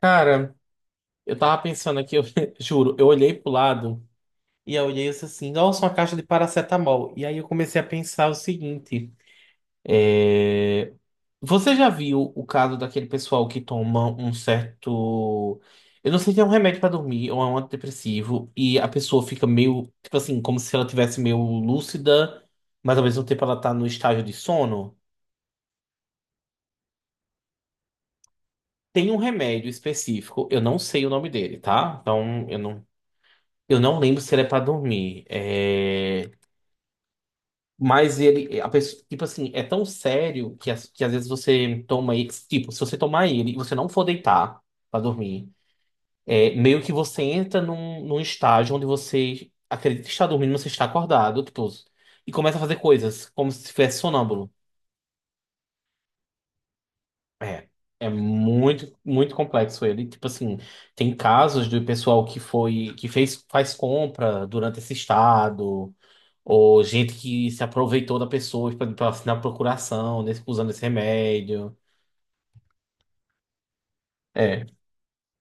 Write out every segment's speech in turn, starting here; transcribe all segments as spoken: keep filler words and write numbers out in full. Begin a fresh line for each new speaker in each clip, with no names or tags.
Cara, eu tava pensando aqui, eu juro, eu olhei pro lado e eu olhei isso assim, nossa, uma caixa de paracetamol. E aí eu comecei a pensar o seguinte: é, você já viu o caso daquele pessoal que toma um certo. Eu não sei se é um remédio pra dormir ou é um antidepressivo, e a pessoa fica meio, tipo assim, como se ela tivesse meio lúcida, mas ao mesmo tempo ela tá no estágio de sono? Tem um remédio específico, eu não sei o nome dele, tá? Então eu não Eu não lembro se ele é pra dormir. É... Mas ele, a pessoa, tipo assim, é tão sério que, as- que às vezes você toma ele. Tipo, se você tomar ele e você não for deitar pra dormir, é meio que você entra num, num estágio onde você acredita que está dormindo, mas você está acordado, tipo, e começa a fazer coisas como se estivesse sonâmbulo. É, é muito, muito complexo ele. Tipo assim, tem casos do pessoal que foi, que fez, faz compra durante esse estado, ou gente que se aproveitou da pessoa para assinar procuração, nesse- usando esse remédio. É,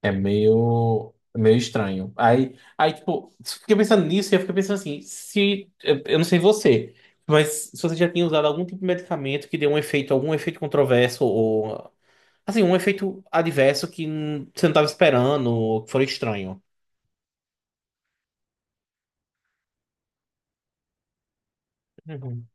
é meio, meio estranho. Aí, aí, tipo, fiquei pensando nisso e eu fiquei pensando assim, se, eu eu não sei você, mas se você já tinha usado algum tipo de medicamento que deu um efeito, algum efeito controverso, ou assim, um efeito adverso que hum, você não estava esperando, ou que foi estranho. Uhum.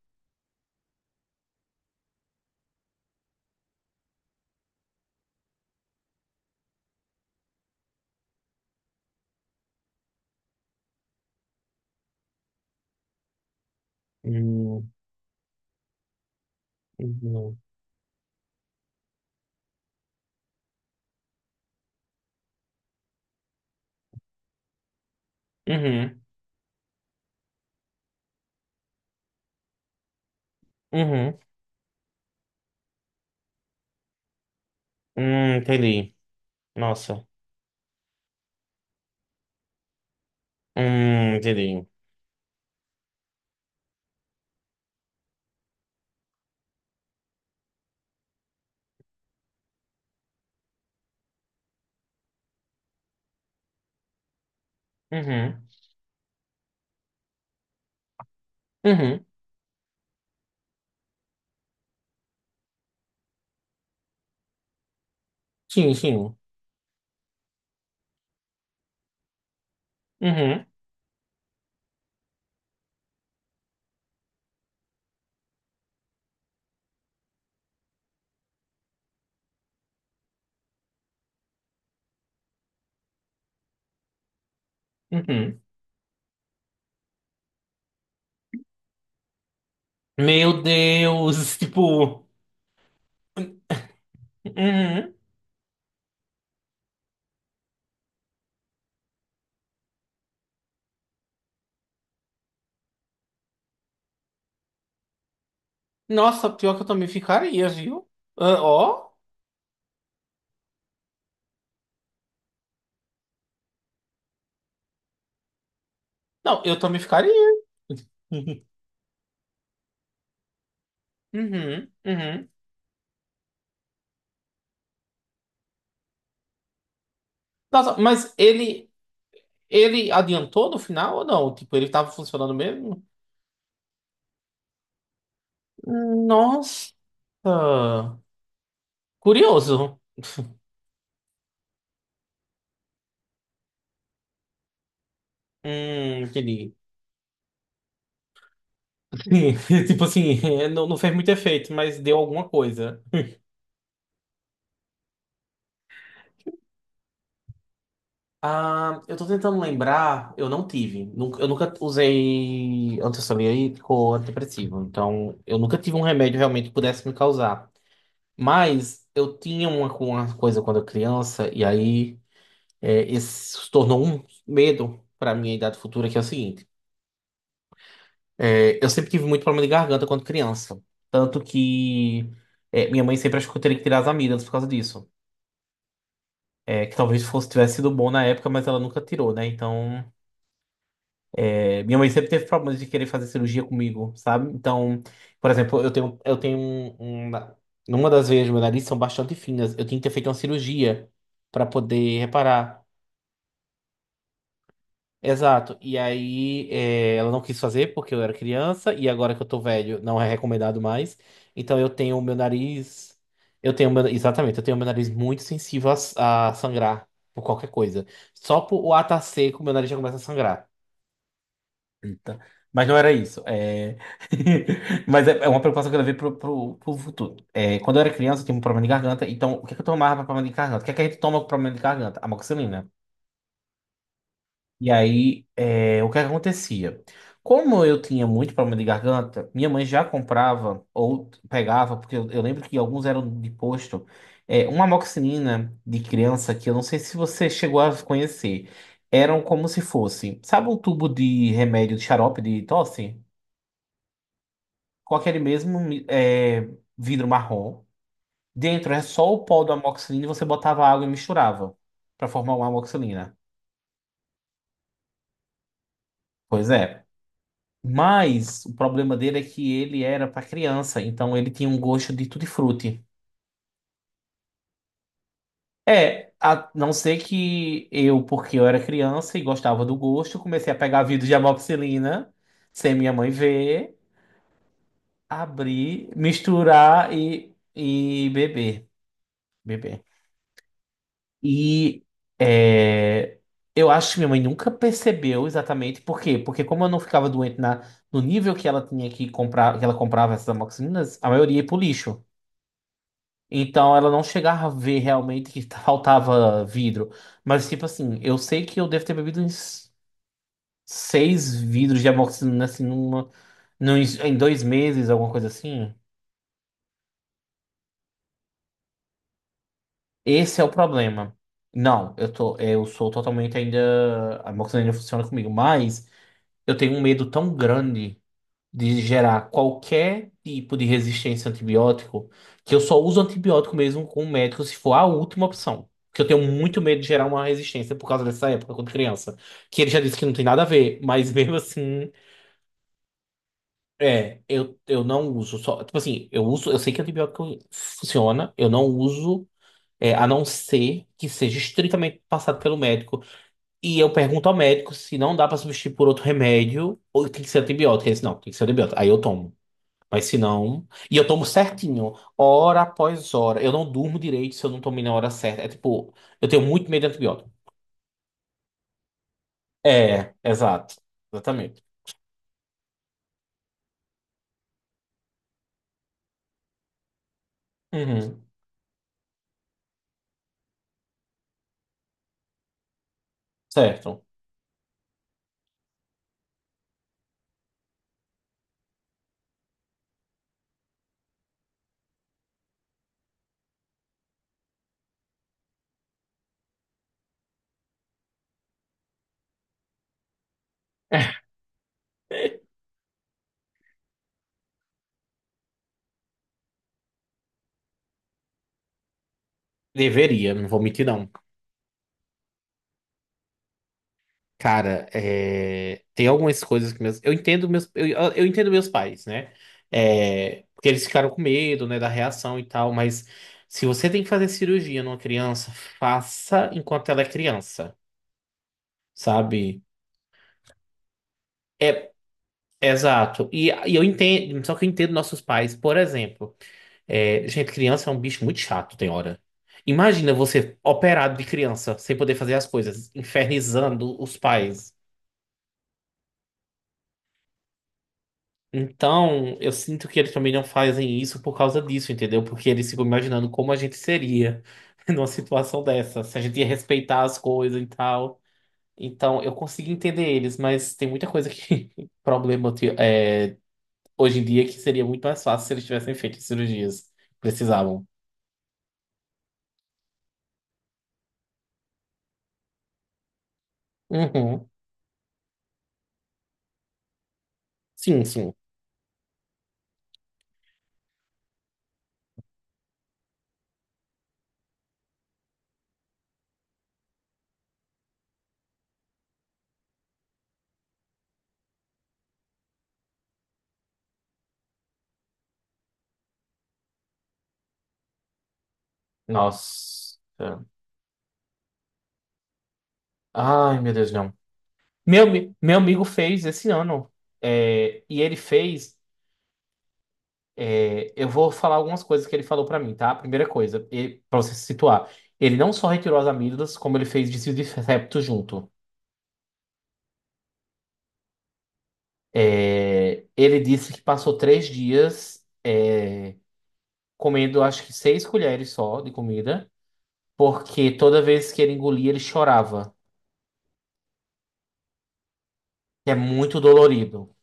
Hum. Uhum. Uhum. Uhum. Hum, entendi. Nossa. Hum, entendi. Uhum. Uhum. Sim, sim. Uhum. Uhum. Meu Deus. Tipo. Uhum. Nossa, pior que eu também ficaria, viu? Ah, ó. Não, eu também ficaria. Uhum. Uhum. Nossa, mas ele. Ele adiantou no final ou não? Tipo, ele tava funcionando mesmo? Nossa, curioso. Hum, entendi. Sim. Tipo assim, é, não, não fez muito efeito, mas deu alguma coisa. Ah, eu tô tentando lembrar, eu não tive. Nunca- Eu nunca usei antissolírico ou antidepressivo. Então, eu nunca tive um remédio realmente que pudesse me causar. Mas eu tinha uma, uma coisa quando eu criança, e aí é, esse se tornou um medo pra minha idade futura, que é o seguinte. É, eu sempre tive muito problema de garganta quando criança. Tanto que é, minha mãe sempre achou que eu teria que tirar as amigas por causa disso. É, que talvez fosse, tivesse sido bom na época, mas ela nunca tirou, né? Então, é, minha mãe sempre teve problemas de querer fazer cirurgia comigo, sabe? Então, por exemplo, eu tenho, eu tenho um, um, numa das veias do meu nariz são bastante finas. Eu tinha que ter feito uma cirurgia para poder reparar. Exato. E aí, é, ela não quis fazer porque eu era criança, e agora que eu tô velho, não é recomendado mais. Então eu tenho o meu nariz. Eu tenho meu, exatamente, eu tenho meu nariz muito sensível a, a sangrar por qualquer coisa. Só por o ar tá seco, meu nariz já começa a sangrar. Eita. Mas não era isso. É... Mas é é uma preocupação que eu levei pro, pro, pro futuro. É, quando eu era criança, eu tinha um problema de garganta. Então, o que, que eu tomava para problema de garganta? O que, que a gente toma com problema de garganta? Amoxicilina. E aí, é, o que acontecia? Como eu tinha muito problema de garganta, minha mãe já comprava ou pegava, porque eu, eu lembro que alguns eram de posto, é, uma amoxicilina de criança que eu não sei se você chegou a conhecer. Eram como se fosse, sabe um tubo de remédio de xarope de tosse? Com aquele mesmo é, vidro marrom. Dentro é só o pó do amoxicilina e você botava água e misturava para formar uma amoxicilina. Pois é. Mas o problema dele é que ele era para criança, então ele tinha um gosto de tutti-frutti. É, a não ser que eu, porque eu era criança e gostava do gosto, comecei a pegar vidro de amoxicilina, sem minha mãe ver, abrir, misturar e, e beber, beber. E é, eu acho que minha mãe nunca percebeu exatamente por quê. Porque como eu não ficava doente na, no nível que ela tinha que comprar, que ela comprava essas amoxicilinas, a maioria ia pro lixo. Então ela não chegava a ver realmente que faltava vidro. Mas, tipo assim, eu sei que eu devo ter bebido uns seis vidros de amoxicilina assim, numa, num- em dois meses, alguma coisa assim. Esse é o problema. Não, eu tô, eu sou totalmente ainda. A amoxicilina funciona comigo, mas eu tenho um medo tão grande. de gerar qualquer tipo de resistência a antibiótico, que eu só uso antibiótico mesmo com o médico se for a última opção. Porque eu tenho muito medo de gerar uma resistência por causa dessa época, quando criança. Que ele já disse que não tem nada a ver, mas mesmo assim, é, eu, eu não uso só. Tipo assim, eu uso, eu sei que antibiótico funciona, eu não uso, é, a não ser que seja estritamente passado pelo médico. E eu pergunto ao médico se não dá pra substituir por outro remédio ou tem que ser antibiótico. Ele disse, não, tem que ser antibiótico. Aí eu tomo. Mas se não. E eu tomo certinho, hora após hora. Eu não durmo direito se eu não tomei na hora certa. É tipo, eu tenho muito medo de antibiótico. É, exato. Exatamente. Uhum, certo. Deveria, não vou mentir, não. Cara, é, tem algumas coisas que meus. Eu entendo meus. Eu, eu entendo meus pais, né? É, Porque eles ficaram com medo, né, da reação e tal, mas se você tem que fazer cirurgia numa criança, faça enquanto ela é criança, sabe? É, exato. E, e eu entendo, só que eu entendo nossos pais, por exemplo. É, gente, criança é um bicho muito chato, tem hora. Imagina você operado de criança, sem poder fazer as coisas, infernizando os pais. Então, eu sinto que eles também não fazem isso por causa disso, entendeu? Porque eles ficam imaginando como a gente seria numa situação dessa, se a gente ia respeitar as coisas e tal. Então, eu consigo entender eles, mas tem muita coisa que problema hoje em dia que seria muito mais fácil se eles tivessem feito as cirurgias que precisavam. Uhum. Sim, sim. Nossa. Ai, meu Deus, não. Meu, ami- meu amigo fez esse ano. É, e ele fez. É, eu vou falar algumas coisas que ele falou pra mim, tá? Primeira coisa, ele, pra você se situar. Ele não só retirou as amígdalas, como ele fez desvio de septo junto. É, ele disse que passou três dias, é, comendo acho que seis colheres só de comida. porque toda vez que ele engolia, ele chorava. Que é muito dolorido.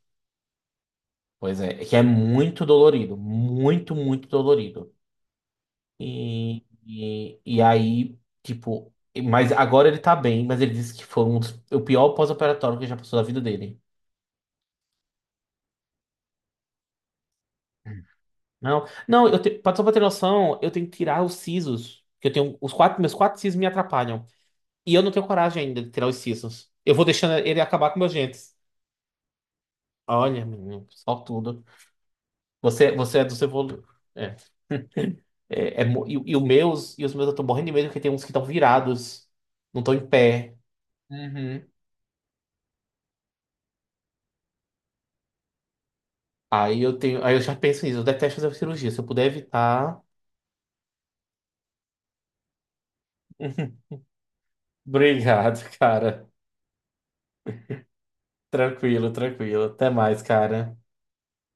Pois é, que é muito dolorido. Muito, muito dolorido. E, e, e aí, tipo. Mas agora ele tá bem, mas ele disse que foi um dos- o pior pós-operatório que ele já passou da vida dele. Não, não, eu te, pra- só pra ter noção, eu tenho que tirar os sisos. Que eu tenho. Os quatro, meus quatro sisos me atrapalham. E eu não tenho coragem ainda de tirar os sisos. Eu vou deixando ele acabar com meus dentes. Olha, menino, só tudo. Você, você é dos evoluídos. É, é mo- e, e os meus, e os meus eu tô morrendo de medo porque tem uns que estão virados, não estão em pé. Uhum. Aí eu tenho, aí eu já penso nisso, eu detesto fazer cirurgia. se eu puder evitar. Obrigado, cara. Tranquilo, tranquilo. Até mais, cara.